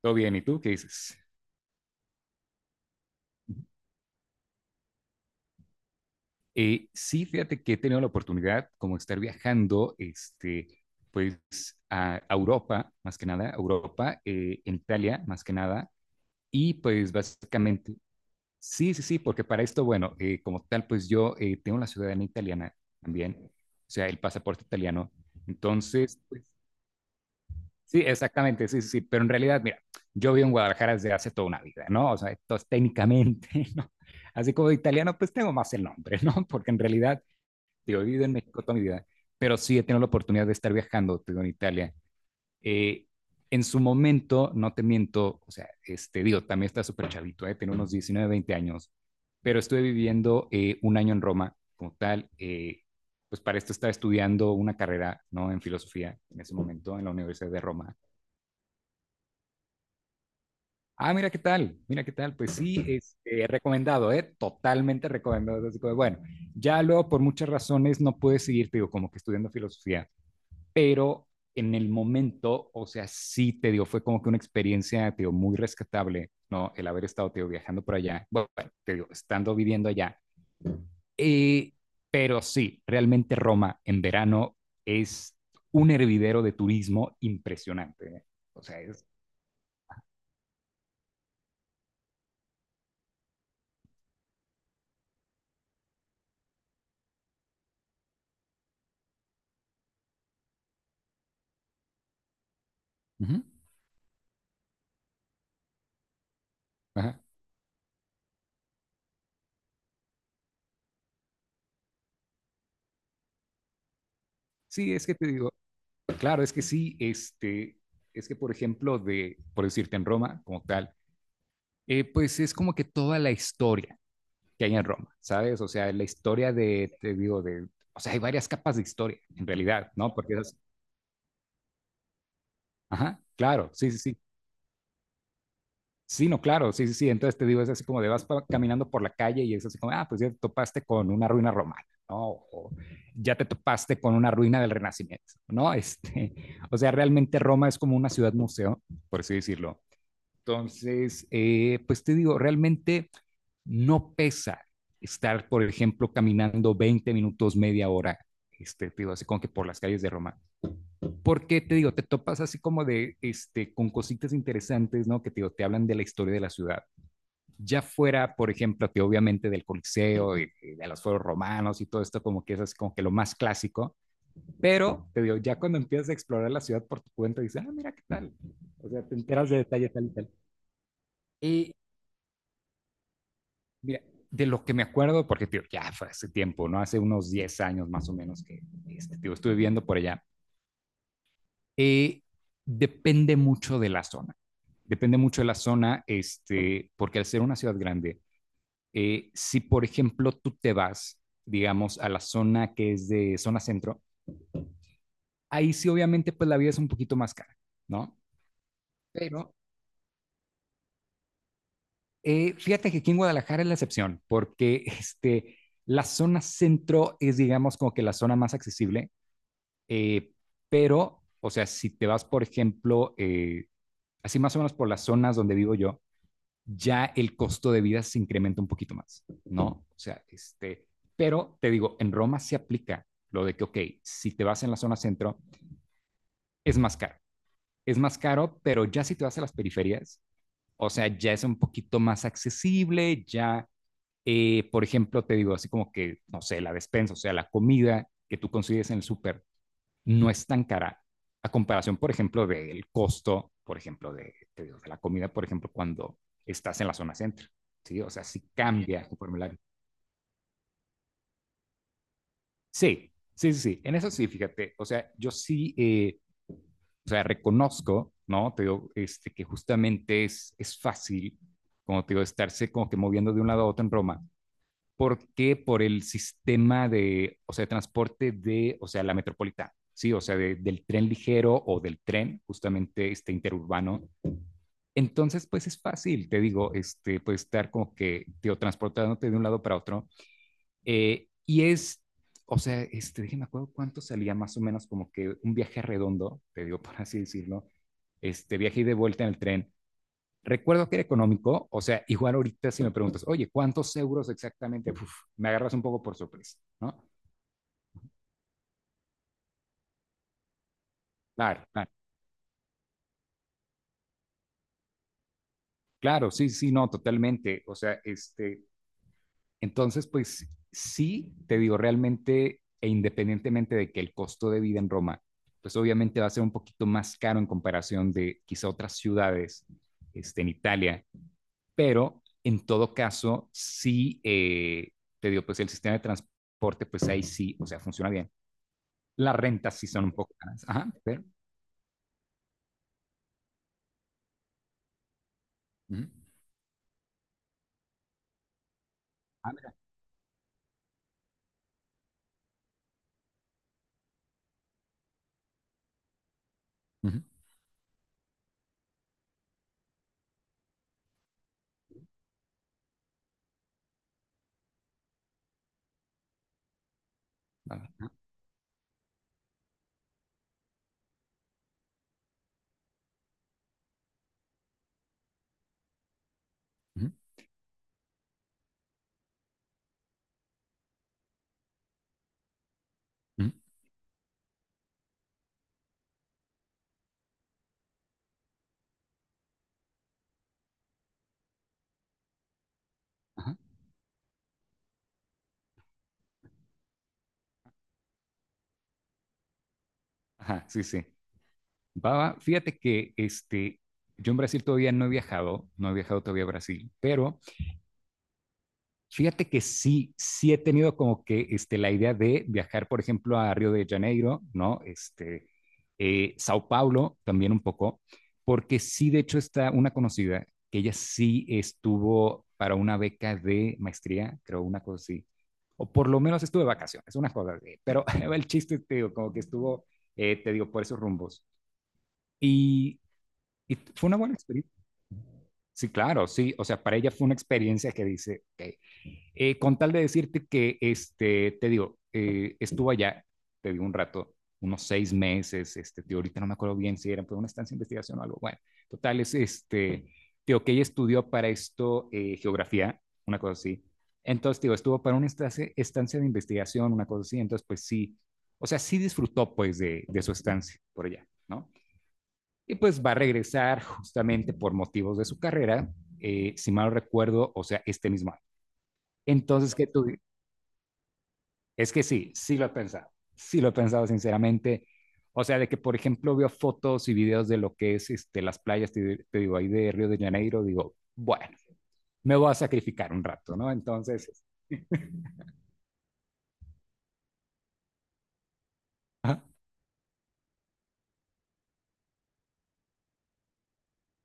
Todo bien, ¿y tú qué dices? Sí, fíjate que he tenido la oportunidad como de estar viajando, pues a Europa, más que nada, a Europa, en Italia, más que nada, y pues básicamente, sí, sí, sí, porque para esto, bueno, como tal, pues yo tengo la ciudadanía italiana también, o sea, el pasaporte italiano, entonces, sí, exactamente, sí, sí, sí, pero en realidad, mira, yo vivo en Guadalajara desde hace toda una vida, ¿no? O sea, entonces técnicamente, ¿no? Así como de italiano, pues tengo más el nombre, ¿no? Porque en realidad, digo, he vivido en México toda mi vida, pero sí he tenido la oportunidad de estar viajando, te digo, en Italia. Eh, en su momento, no te miento, o sea, digo, también está súper chavito, ¿eh? Tengo unos 19, 20 años, pero estuve viviendo un año en Roma como tal, pues para esto estaba estudiando una carrera, ¿no? En filosofía en ese momento en la Universidad de Roma. Ah, mira qué tal, mira qué tal. Pues sí, recomendado, ¿eh? Totalmente recomendado. Así como, bueno, ya luego por muchas razones no pude seguir, te digo, como que estudiando filosofía, pero en el momento, o sea, sí te digo, fue como que una experiencia, te digo, muy rescatable, ¿no? El haber estado, te digo, viajando por allá, bueno, te digo, estando viviendo allá. Eh, pero sí, realmente Roma en verano es un hervidero de turismo impresionante, ¿eh? O sea, es. Ujú. Ajá. Sí, es que te digo, claro, es que sí, es que por ejemplo, de, por decirte en Roma como tal, pues es como que toda la historia que hay en Roma, ¿sabes? O sea, la historia de, te digo, de, o sea, hay varias capas de historia en realidad, ¿no? Porque es, ajá, claro, sí, sí, sí. Sí, no, claro, sí, sí, sí. Entonces te digo, es así como de vas caminando por la calle y es así como, ah, pues ya te topaste con una ruina romana, ¿no? O ya te topaste con una ruina del Renacimiento, ¿no? O sea, realmente Roma es como una ciudad museo, por así decirlo. Entonces, pues te digo, realmente no pesa estar, por ejemplo, caminando 20 minutos, media hora, te digo, así como que por las calles de Roma. Porque te digo, te topas así como de, con cositas interesantes, ¿no? Que te digo, te hablan de la historia de la ciudad. Ya fuera, por ejemplo, te obviamente del Coliseo y de los foros romanos y todo esto, como que es así como que lo más clásico. Pero te digo, ya cuando empiezas a explorar la ciudad por tu cuenta, dices, ah, mira qué tal. O sea, te enteras de detalles tal y tal. Y mira, de lo que me acuerdo, porque tío, ya fue hace tiempo, ¿no? Hace unos 10 años más o menos que tío, estuve viviendo por allá. Eh, Depende mucho de la zona. Depende mucho de la zona, porque al ser una ciudad grande, si por ejemplo tú te vas, digamos, a la zona que es de zona centro, ahí sí obviamente pues la vida es un poquito más cara, ¿no? Pero fíjate que aquí en Guadalajara es la excepción, porque la zona centro es, digamos, como que la zona más accesible. Eh, pero, o sea, si te vas, por ejemplo, así más o menos por las zonas donde vivo yo, ya el costo de vida se incrementa un poquito más, ¿no? O sea, pero te digo, en Roma se aplica lo de que, ok, si te vas en la zona centro, es más caro, es más caro, pero ya si te vas a las periferias, o sea, ya es un poquito más accesible, ya, por ejemplo, te digo, así como que, no sé, la despensa, o sea, la comida que tú consigues en el súper, no es tan cara a comparación, por ejemplo, del costo, por ejemplo, de la comida, por ejemplo, cuando estás en la zona centro, ¿sí? O sea, sí cambia conforme la. Sí, sí, sí, sí, en eso sí, fíjate, o sea, yo sí, o sea, reconozco, ¿no? Te digo, que justamente es fácil, como te digo, estarse como que moviendo de un lado a otro en Roma, porque por el sistema de, o sea, de transporte de, o sea, la metropolitana, ¿sí? O sea, del tren ligero o del tren, justamente este interurbano. Entonces, pues es fácil, te digo, pues estar como que, tío, transportándote de un lado para otro. Y es, o sea, déjeme acuerdo cuánto salía más o menos como que un viaje redondo, te digo, por así decirlo, este viaje y de vuelta en el tren. Recuerdo que era económico, o sea, igual ahorita si me preguntas, oye, ¿cuántos euros exactamente? Uf, me agarras un poco por sorpresa, ¿no? Claro, claro, claro, sí, sí, no, totalmente. O sea, entonces, pues sí, te digo, realmente e independientemente de que el costo de vida en Roma, pues obviamente va a ser un poquito más caro en comparación de quizá otras ciudades en Italia, pero en todo caso, sí, te digo, pues el sistema de transporte, pues ahí sí, o sea, funciona bien. Las rentas sí son un poco caras. Ajá, pero. Ujú. Ah, mira. Ujú, va, va. Ujú, ujú, ajá, ajá, sí, sí. Va, va. Fíjate que yo en Brasil todavía no he viajado, no he viajado todavía a Brasil, pero fíjate que sí, sí he tenido como que la idea de viajar, por ejemplo, a Río de Janeiro, ¿no? Sao Paulo también un poco, porque sí, de hecho, está una conocida que ella sí estuvo para una beca de maestría, creo, una cosa así, o por lo menos estuvo de vacaciones, una cosa así, pero el chiste, te digo, como que estuvo, te digo, por esos rumbos. Y, y fue una buena experiencia. Sí, claro, sí, o sea, para ella fue una experiencia que dice, ok, con tal de decirte que, te digo, estuvo allá, te digo un rato, unos 6 meses, tío, ahorita no me acuerdo bien si era por una estancia de investigación o algo, bueno, total, es tío, que ella estudió para esto geografía, una cosa así, entonces, tío, estuvo para una estancia, estancia de investigación, una cosa así, entonces, pues sí, o sea, sí disfrutó, pues, de su estancia por allá, ¿no? Y pues va a regresar justamente por motivos de su carrera, si mal no recuerdo, o sea, este mismo año. Entonces, ¿qué, tú? Es que sí, sí lo he pensado, sí lo he pensado sinceramente. O sea, de que, por ejemplo, veo fotos y videos de lo que es las playas, te digo, ahí de Río de Janeiro, digo, bueno, me voy a sacrificar un rato, ¿no? Entonces, ajá,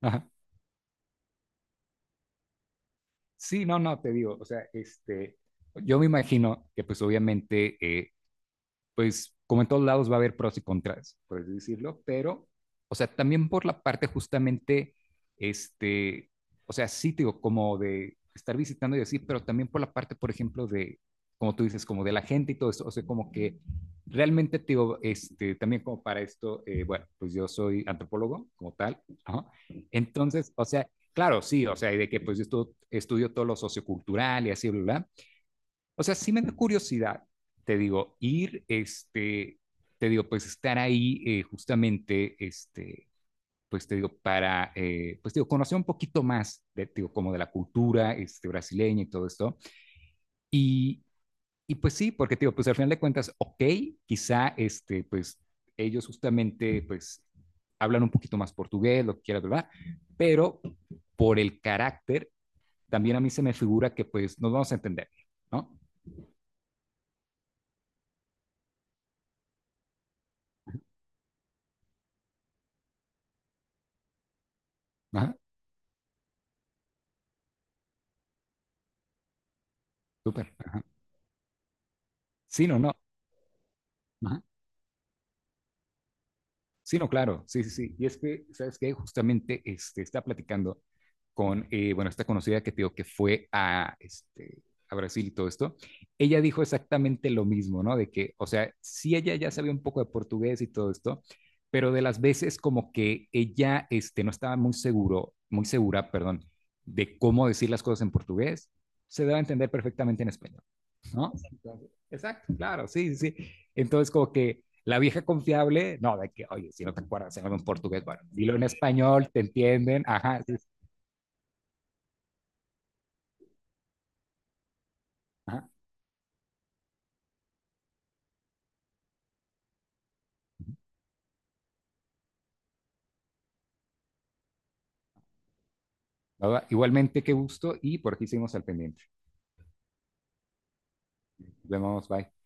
ajá. Sí, no, no, te digo, o sea, yo me imagino que pues obviamente pues como en todos lados va a haber pros y contras, por así decirlo, pero, o sea, también por la parte justamente, este, o sea, sí, digo, como de estar visitando y así, pero también por la parte, por ejemplo, de, como tú dices, como de la gente y todo eso, o sea, como que realmente, digo, también como para esto, bueno, pues yo soy antropólogo como tal, ajá. Entonces, o sea, claro, sí, o sea, y de que pues yo estudio todo lo sociocultural y así, bla, bla, o sea, sí me da curiosidad, te digo, ir, te digo, pues estar ahí justamente, pues te digo, para, pues te digo, conocer un poquito más, de, te digo, como de la cultura brasileña y todo esto. Y, y pues sí, porque te digo, pues al final de cuentas, ok, quizá, pues ellos justamente, pues hablan un poquito más portugués, lo que quieras, ¿verdad? Pero por el carácter, también a mí se me figura que pues nos vamos a entender, ¿no? Ajá, súper. Sí, no, no. Ajá. Sí, no, claro. Sí, sí, sí. Y es que, ¿sabes qué? Justamente está platicando con, bueno, esta conocida que te digo que fue a, a Brasil y todo esto. Ella dijo exactamente lo mismo, ¿no? De que, o sea, sí, ella ya sabía un poco de portugués y todo esto, pero de las veces como que ella no estaba muy seguro, muy segura, perdón, de cómo decir las cosas en portugués, se daba a entender perfectamente en español. ¿No? Entonces, exacto, claro, sí, sí, sí. Entonces, como que la vieja confiable, no, de que, oye, si no te acuerdas, se llama en portugués, bueno, dilo en español, te entienden, ajá, sí, ajá. Nada, igualmente, qué gusto y por aquí seguimos al pendiente. Nos vemos, bye.